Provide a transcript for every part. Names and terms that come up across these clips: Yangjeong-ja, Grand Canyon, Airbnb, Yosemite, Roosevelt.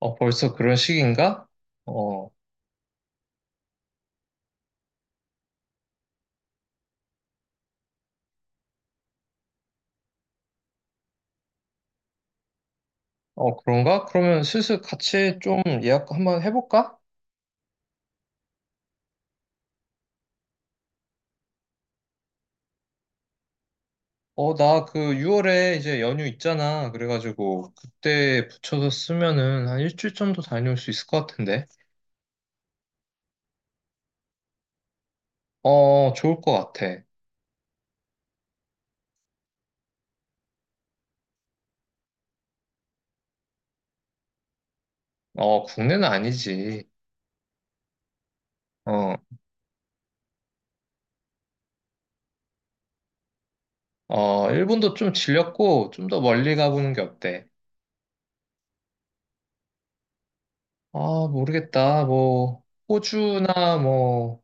어, 벌써 그런 시기인가? 어, 어, 그런가? 그러면 슬슬 같이 좀 예약 한번 해볼까? 어, 나 그 6월에 이제 연휴 있잖아. 그래가지고 그때 붙여서 쓰면은 한 일주일 정도 다녀올 수 있을 것 같은데. 어, 좋을 것 같아. 어, 국내는 아니지. 어, 어, 일본도 좀 질렸고 좀 더 멀리 가보는 게 어때? 아, 모르겠다. 뭐, 호주나 뭐,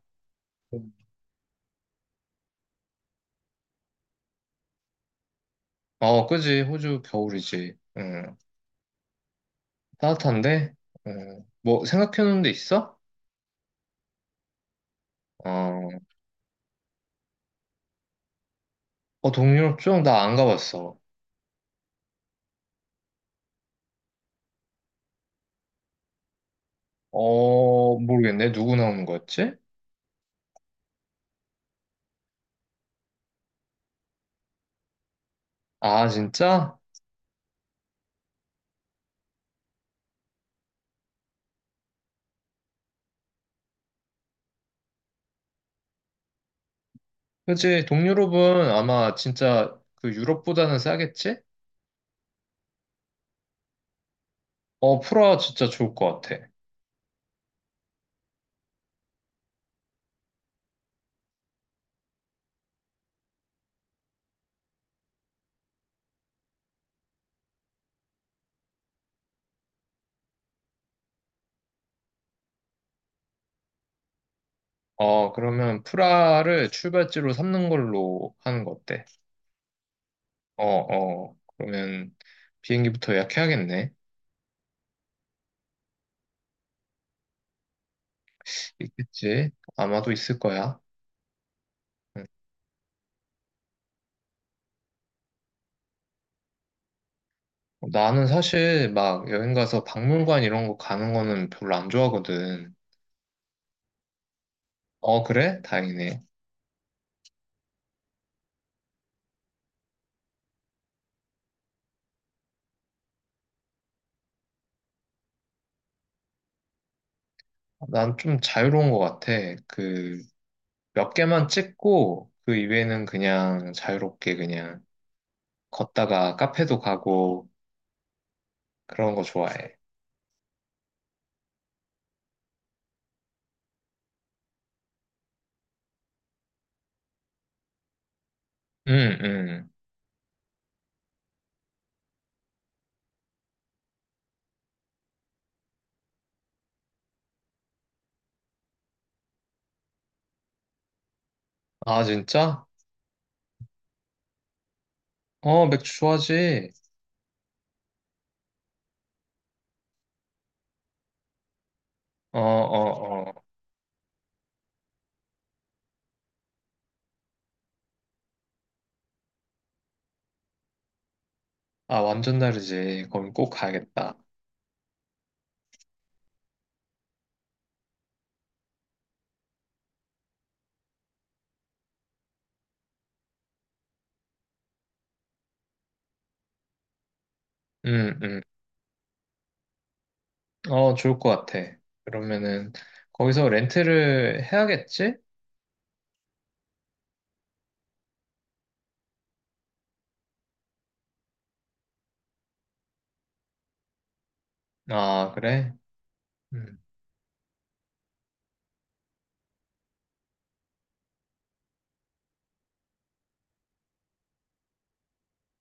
어, 그지. 호주 겨울이지. 응. 따뜻한데? 뭐 생각해놓은 데 있어? 어, 어 동유럽 쪽? 나 안 가봤어. 어, 모르겠네. 누구 나오는 거였지? 아, 진짜? 그치. 동유럽은 아마 진짜 그 유럽보다는 싸겠지? 어, 프라 진짜 좋을 것 같아. 어, 그러면 프라를 출발지로 삼는 걸로 하는 거 어때? 어, 어. 그러면 비행기부터 예약해야겠네. 있겠지? 아마도 있을 거야. 응. 나는 사실 막 여행 가서 박물관 이런 거 가는 거는 별로 안 좋아하거든. 어, 그래? 다행이네. 난 좀 자유로운 것 같아. 그 몇 개만 찍고 그 이외에는 그냥 자유롭게 그냥 걷다가 카페도 가고 그런 거 좋아해. 응, 응. 아, 진짜? 어, 맥주 좋아하지? 어, 어, 어. 아, 완전 다르지. 거기 꼭 가야겠다. 응, 응. 어, 좋을 것 같아. 그러면은 거기서 렌트를 해야겠지? 아, 그래? 음.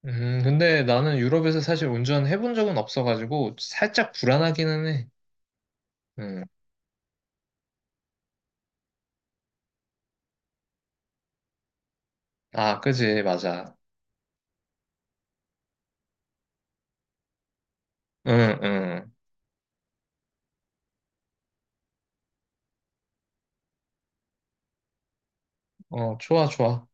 근데 나는 유럽에서 사실 운전해본 적은 없어가지고 살짝 불안하기는 해. 음. 아, 그지, 맞아. 응, 응. 어, 좋아, 좋아.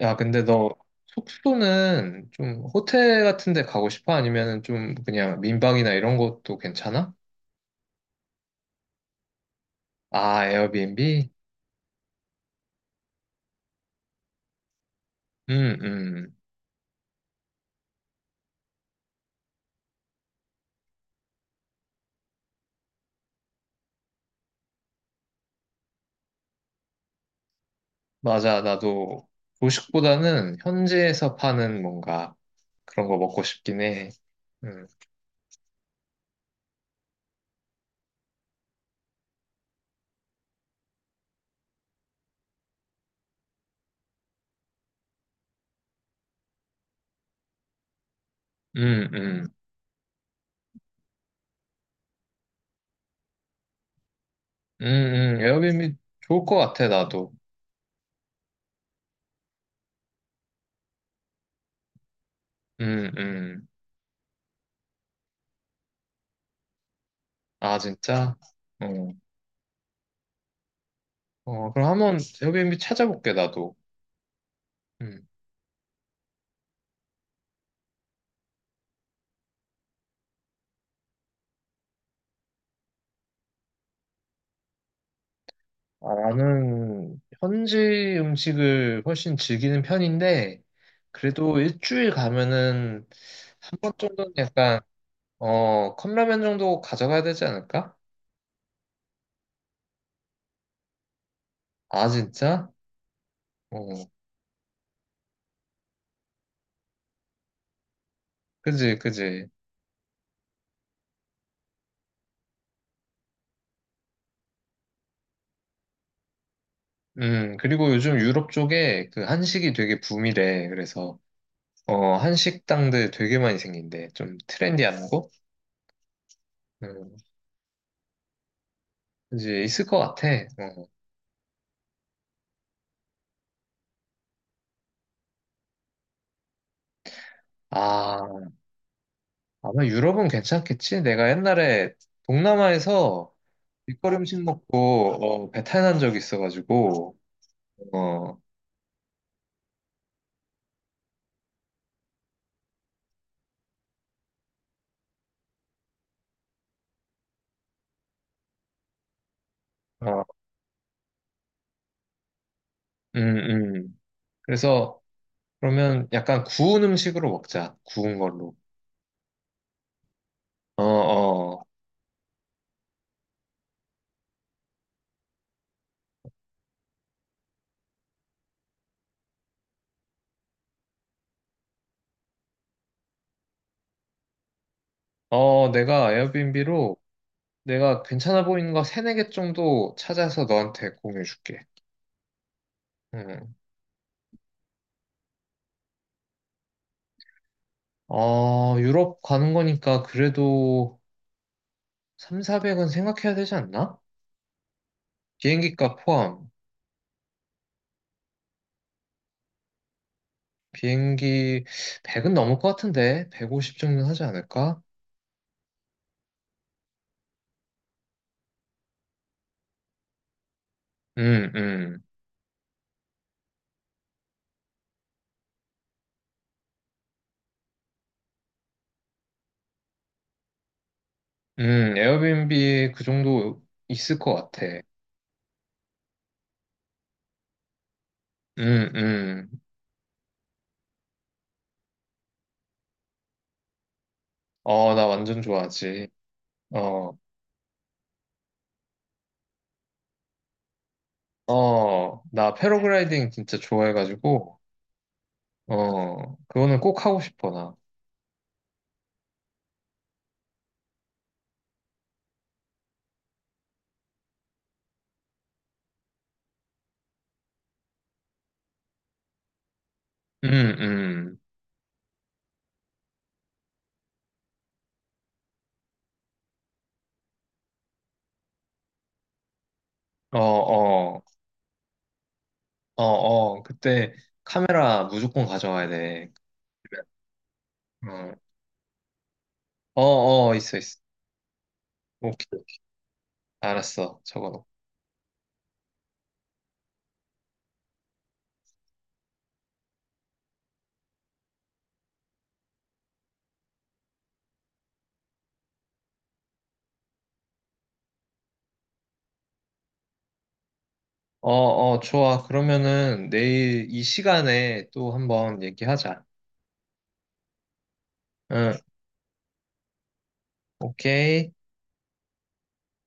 야, 근데 너 숙소는 좀 호텔 같은 데 가고 싶어? 아니면은 좀 그냥 민방이나 이런 것도 괜찮아? 아, 에어비앤비? 음, 음. 맞아. 나도 도식보다는 현지에서 파는 뭔가 그런 거 먹고 싶긴 해. 음, 음, 음. 에어비앤비 좋을 것 같아, 나도. 음, 음. 아, 진짜? 어. 어, 그럼 한번 에어비앤비 찾아볼게, 나도. 음. 아, 나는 현지 음식을 훨씬 즐기는 편인데, 그래도 일주일 가면은 한 번 정도는 약간, 어, 컵라면 정도 가져가야 되지 않을까? 아, 진짜? 어, 그지, 그지. 그리고 요즘 유럽 쪽에 그 한식이 되게 붐이래, 그래서. 어, 한식당들 되게 많이 생긴데, 좀 트렌디한 곳? 음, 이제 있을 것 같아. 어. 아, 아마 유럽은 괜찮겠지? 내가 옛날에 동남아에서 길거리 음식 먹고, 어, 배탈 난 적이 있어가지고, 어, 어, 음, 음. 그래서, 그러면 약간 구운 음식으로 먹자. 구운 걸로. 어, 어. 어, 내가 에어비앤비로 내가 괜찮아 보이는 거 세네 개 정도 찾아서 너한테 공유해 줄게. 어, 유럽 가는 거니까 그래도 3, 400은 생각해야 되지 않나? 비행기 값 포함. 비행기 100은 넘을 것 같은데 150 정도는 하지 않을까? 음, 음. 에어비앤비 그 정도 있을 것 같아. 음, 음. 어, 나 완전 좋아하지. 어, 어, 나 패러글라이딩 진짜 좋아해가지고, 어, 그거는 꼭 하고 싶어, 나. 음, 음. 어, 어. 어, 어, 그때 카메라 무조건 가져와야 돼. 그러면, 어, 어, 어, 있어, 있어. 오케이, 오케이. 알았어, 적어놓고. 어, 어, 좋아. 그러면은 내일 이 시간에 또 한번 얘기하자. 응, 오케이.